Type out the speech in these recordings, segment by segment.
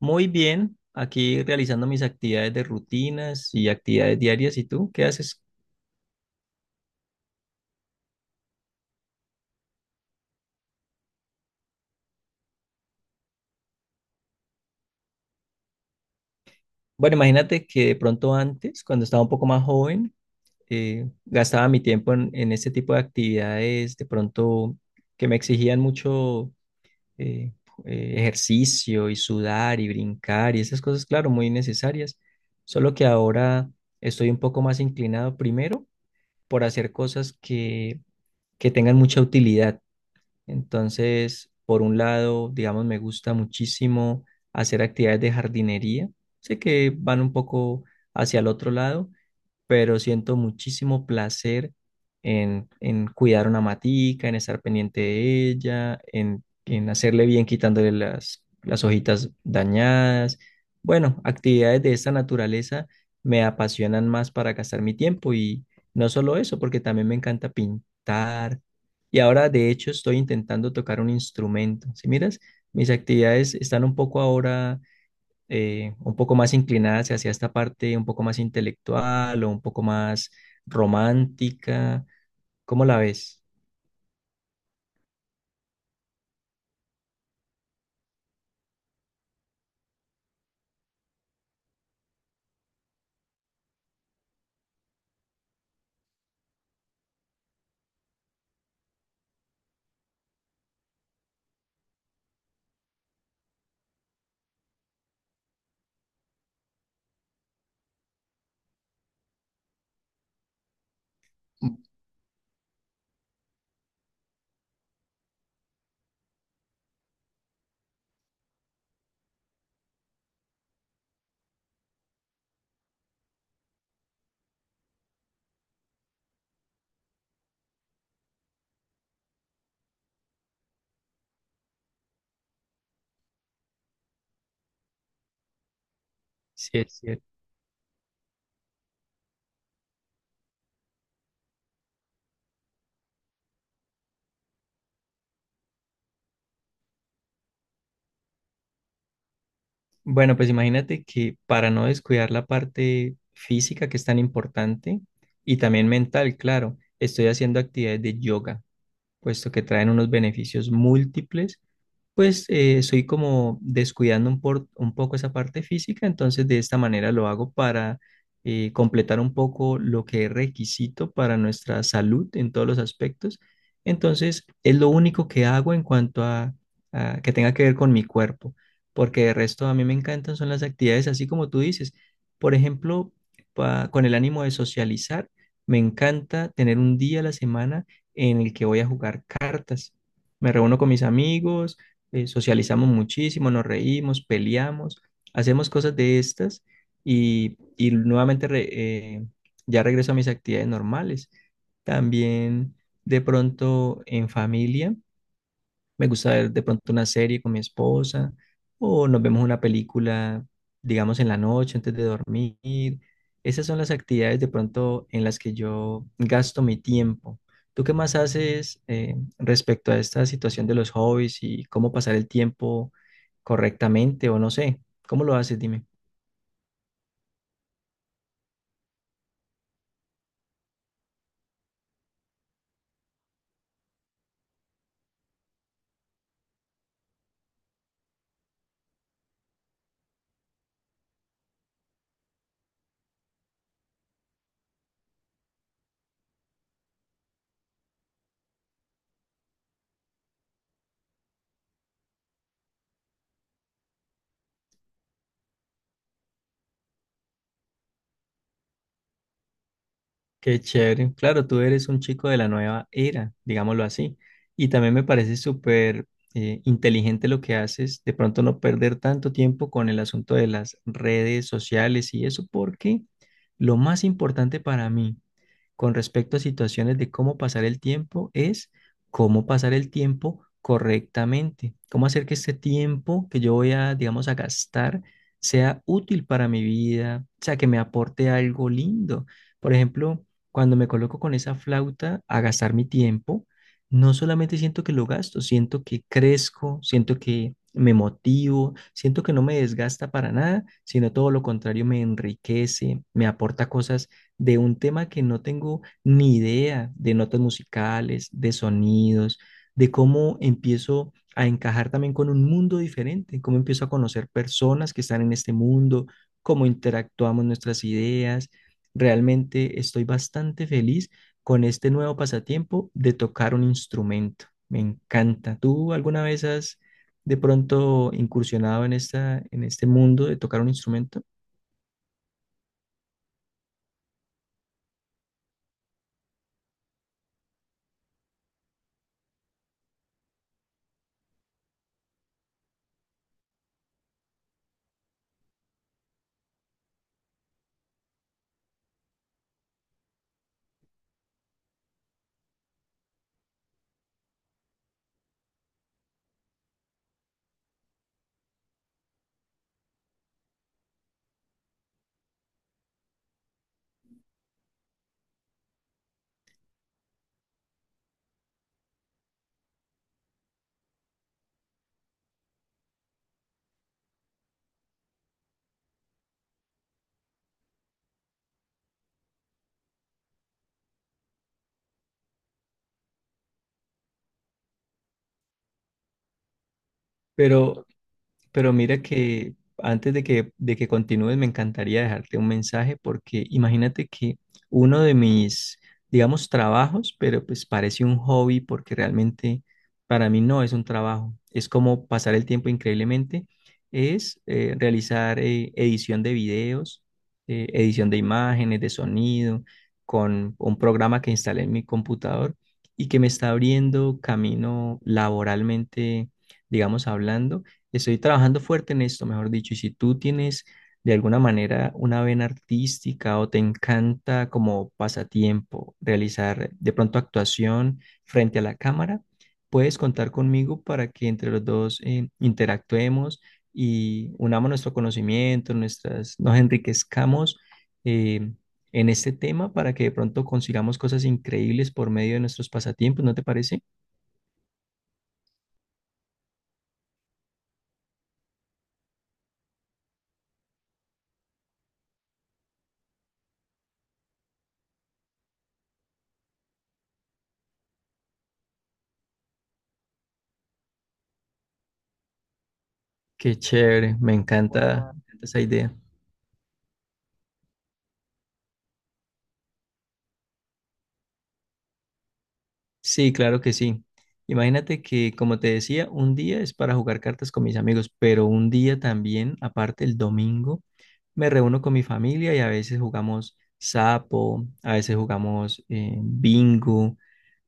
Muy bien, aquí realizando mis actividades de rutinas y actividades diarias. ¿Y tú qué haces? Bueno, imagínate que de pronto antes, cuando estaba un poco más joven, gastaba mi tiempo en este tipo de actividades, de pronto que me exigían mucho eh, ejercicio y sudar y brincar y esas cosas, claro, muy necesarias. Solo que ahora estoy un poco más inclinado primero por hacer cosas que tengan mucha utilidad. Entonces, por un lado, digamos, me gusta muchísimo hacer actividades de jardinería. Sé que van un poco hacia el otro lado, pero siento muchísimo placer en cuidar una matica, en estar pendiente de ella, en hacerle bien quitándole las hojitas dañadas. Bueno, actividades de esta naturaleza me apasionan más para gastar mi tiempo y no solo eso, porque también me encanta pintar. Y ahora, de hecho, estoy intentando tocar un instrumento. Si miras, mis actividades están un poco ahora un poco más inclinadas hacia esta parte un poco más intelectual o un poco más romántica. ¿Cómo la ves? Sí, es cierto. Bueno, pues imagínate que para no descuidar la parte física, que es tan importante, y también mental, claro, estoy haciendo actividades de yoga, puesto que traen unos beneficios múltiples. Pues estoy como descuidando un poco esa parte física, entonces de esta manera lo hago para completar un poco lo que es requisito para nuestra salud en todos los aspectos. Entonces es lo único que hago en cuanto a que tenga que ver con mi cuerpo, porque de resto a mí me encantan son las actividades así como tú dices. Por ejemplo, con el ánimo de socializar, me encanta tener un día a la semana en el que voy a jugar cartas. Me reúno con mis amigos, socializamos muchísimo, nos reímos, peleamos, hacemos cosas de estas y nuevamente eh, ya regreso a mis actividades normales. También de pronto en familia. Me gusta ver de pronto una serie con mi esposa o nos vemos una película, digamos, en la noche antes de dormir. Esas son las actividades de pronto en las que yo gasto mi tiempo. ¿Tú qué más haces, respecto a esta situación de los hobbies y cómo pasar el tiempo correctamente o no sé? ¿Cómo lo haces? Dime. Qué chévere. Claro, tú eres un chico de la nueva era, digámoslo así. Y también me parece súper inteligente lo que haces, de pronto no perder tanto tiempo con el asunto de las redes sociales y eso, porque lo más importante para mí con respecto a situaciones de cómo pasar el tiempo es cómo pasar el tiempo correctamente, cómo hacer que este tiempo que yo voy a, digamos, a gastar sea útil para mi vida, o sea, que me aporte algo lindo. Por ejemplo, cuando me coloco con esa flauta a gastar mi tiempo, no solamente siento que lo gasto, siento que crezco, siento que me motivo, siento que no me desgasta para nada, sino todo lo contrario, me enriquece, me aporta cosas de un tema que no tengo ni idea, de notas musicales, de sonidos, de cómo empiezo a encajar también con un mundo diferente, cómo empiezo a conocer personas que están en este mundo, cómo interactuamos nuestras ideas. Realmente estoy bastante feliz con este nuevo pasatiempo de tocar un instrumento. Me encanta. ¿Tú alguna vez has de pronto incursionado en esta, en este mundo de tocar un instrumento? Pero Pero mira que antes de que continúes, me encantaría dejarte un mensaje, porque imagínate que uno de mis, digamos, trabajos, pero pues parece un hobby porque realmente para mí no es un trabajo, es como pasar el tiempo increíblemente, es realizar edición de videos, edición de imágenes, de sonido, con un programa que instalé en mi computador y que me está abriendo camino laboralmente, digamos, hablando. Estoy trabajando fuerte en esto, mejor dicho, y si tú tienes de alguna manera una vena artística o te encanta como pasatiempo realizar de pronto actuación frente a la cámara, puedes contar conmigo para que entre los dos interactuemos y unamos nuestro conocimiento, nuestras, nos enriquezcamos eh, en este tema para que de pronto consigamos cosas increíbles por medio de nuestros pasatiempos, ¿no te parece? Qué chévere, me encanta esa idea. Sí, claro que sí. Imagínate que, como te decía, un día es para jugar cartas con mis amigos, pero un día también, aparte el domingo, me reúno con mi familia y a veces jugamos sapo, a veces jugamos bingo.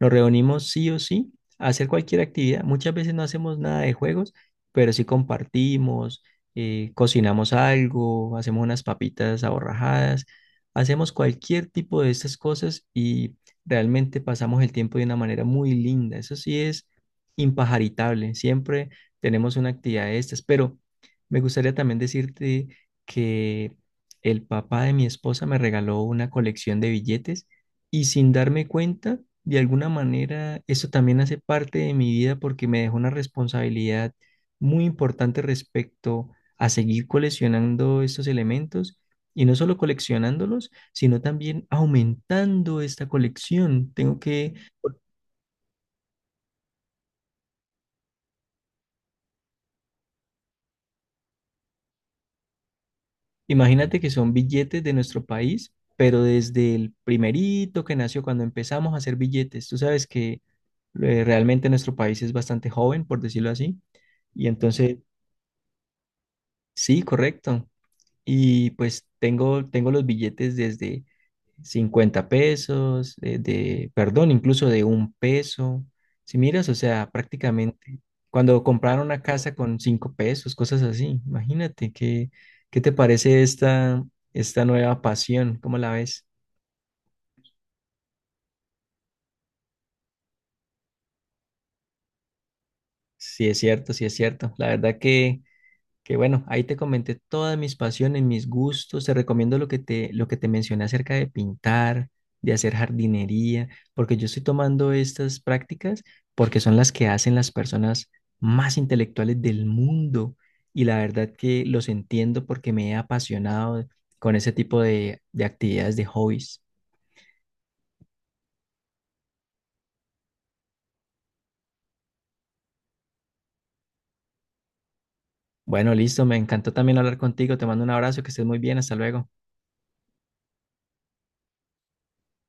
Nos reunimos sí o sí a hacer cualquier actividad. Muchas veces no hacemos nada de juegos, pero sí compartimos, cocinamos algo, hacemos unas papitas aborrajadas, hacemos cualquier tipo de estas cosas y realmente pasamos el tiempo de una manera muy linda. Eso sí es impajaritable. Siempre tenemos una actividad de estas, pero me gustaría también decirte que el papá de mi esposa me regaló una colección de billetes y, sin darme cuenta, de alguna manera, eso también hace parte de mi vida porque me dejó una responsabilidad muy importante respecto a seguir coleccionando estos elementos y no solo coleccionándolos, sino también aumentando esta colección. Tengo que, imagínate que son billetes de nuestro país. Pero desde el primerito que nació, cuando empezamos a hacer billetes, tú sabes que eh, realmente nuestro país es bastante joven, por decirlo así. Y entonces, sí, correcto. Y pues tengo los billetes desde 50 pesos, de, perdón, incluso de 1 peso. Si miras, o sea, prácticamente cuando compraron una casa con 5 pesos, cosas así. Imagínate, ¿qué, qué te parece esta, esta nueva pasión? ¿Cómo la ves? Sí, es cierto, sí es cierto. La verdad que bueno, ahí te comenté todas mis pasiones, mis gustos, te recomiendo lo que te mencioné acerca de pintar, de hacer jardinería, porque yo estoy tomando estas prácticas porque son las que hacen las personas más intelectuales del mundo y la verdad que los entiendo porque me he apasionado con ese tipo de actividades, de hobbies. Bueno, listo, me encantó también hablar contigo, te mando un abrazo, que estés muy bien, hasta luego.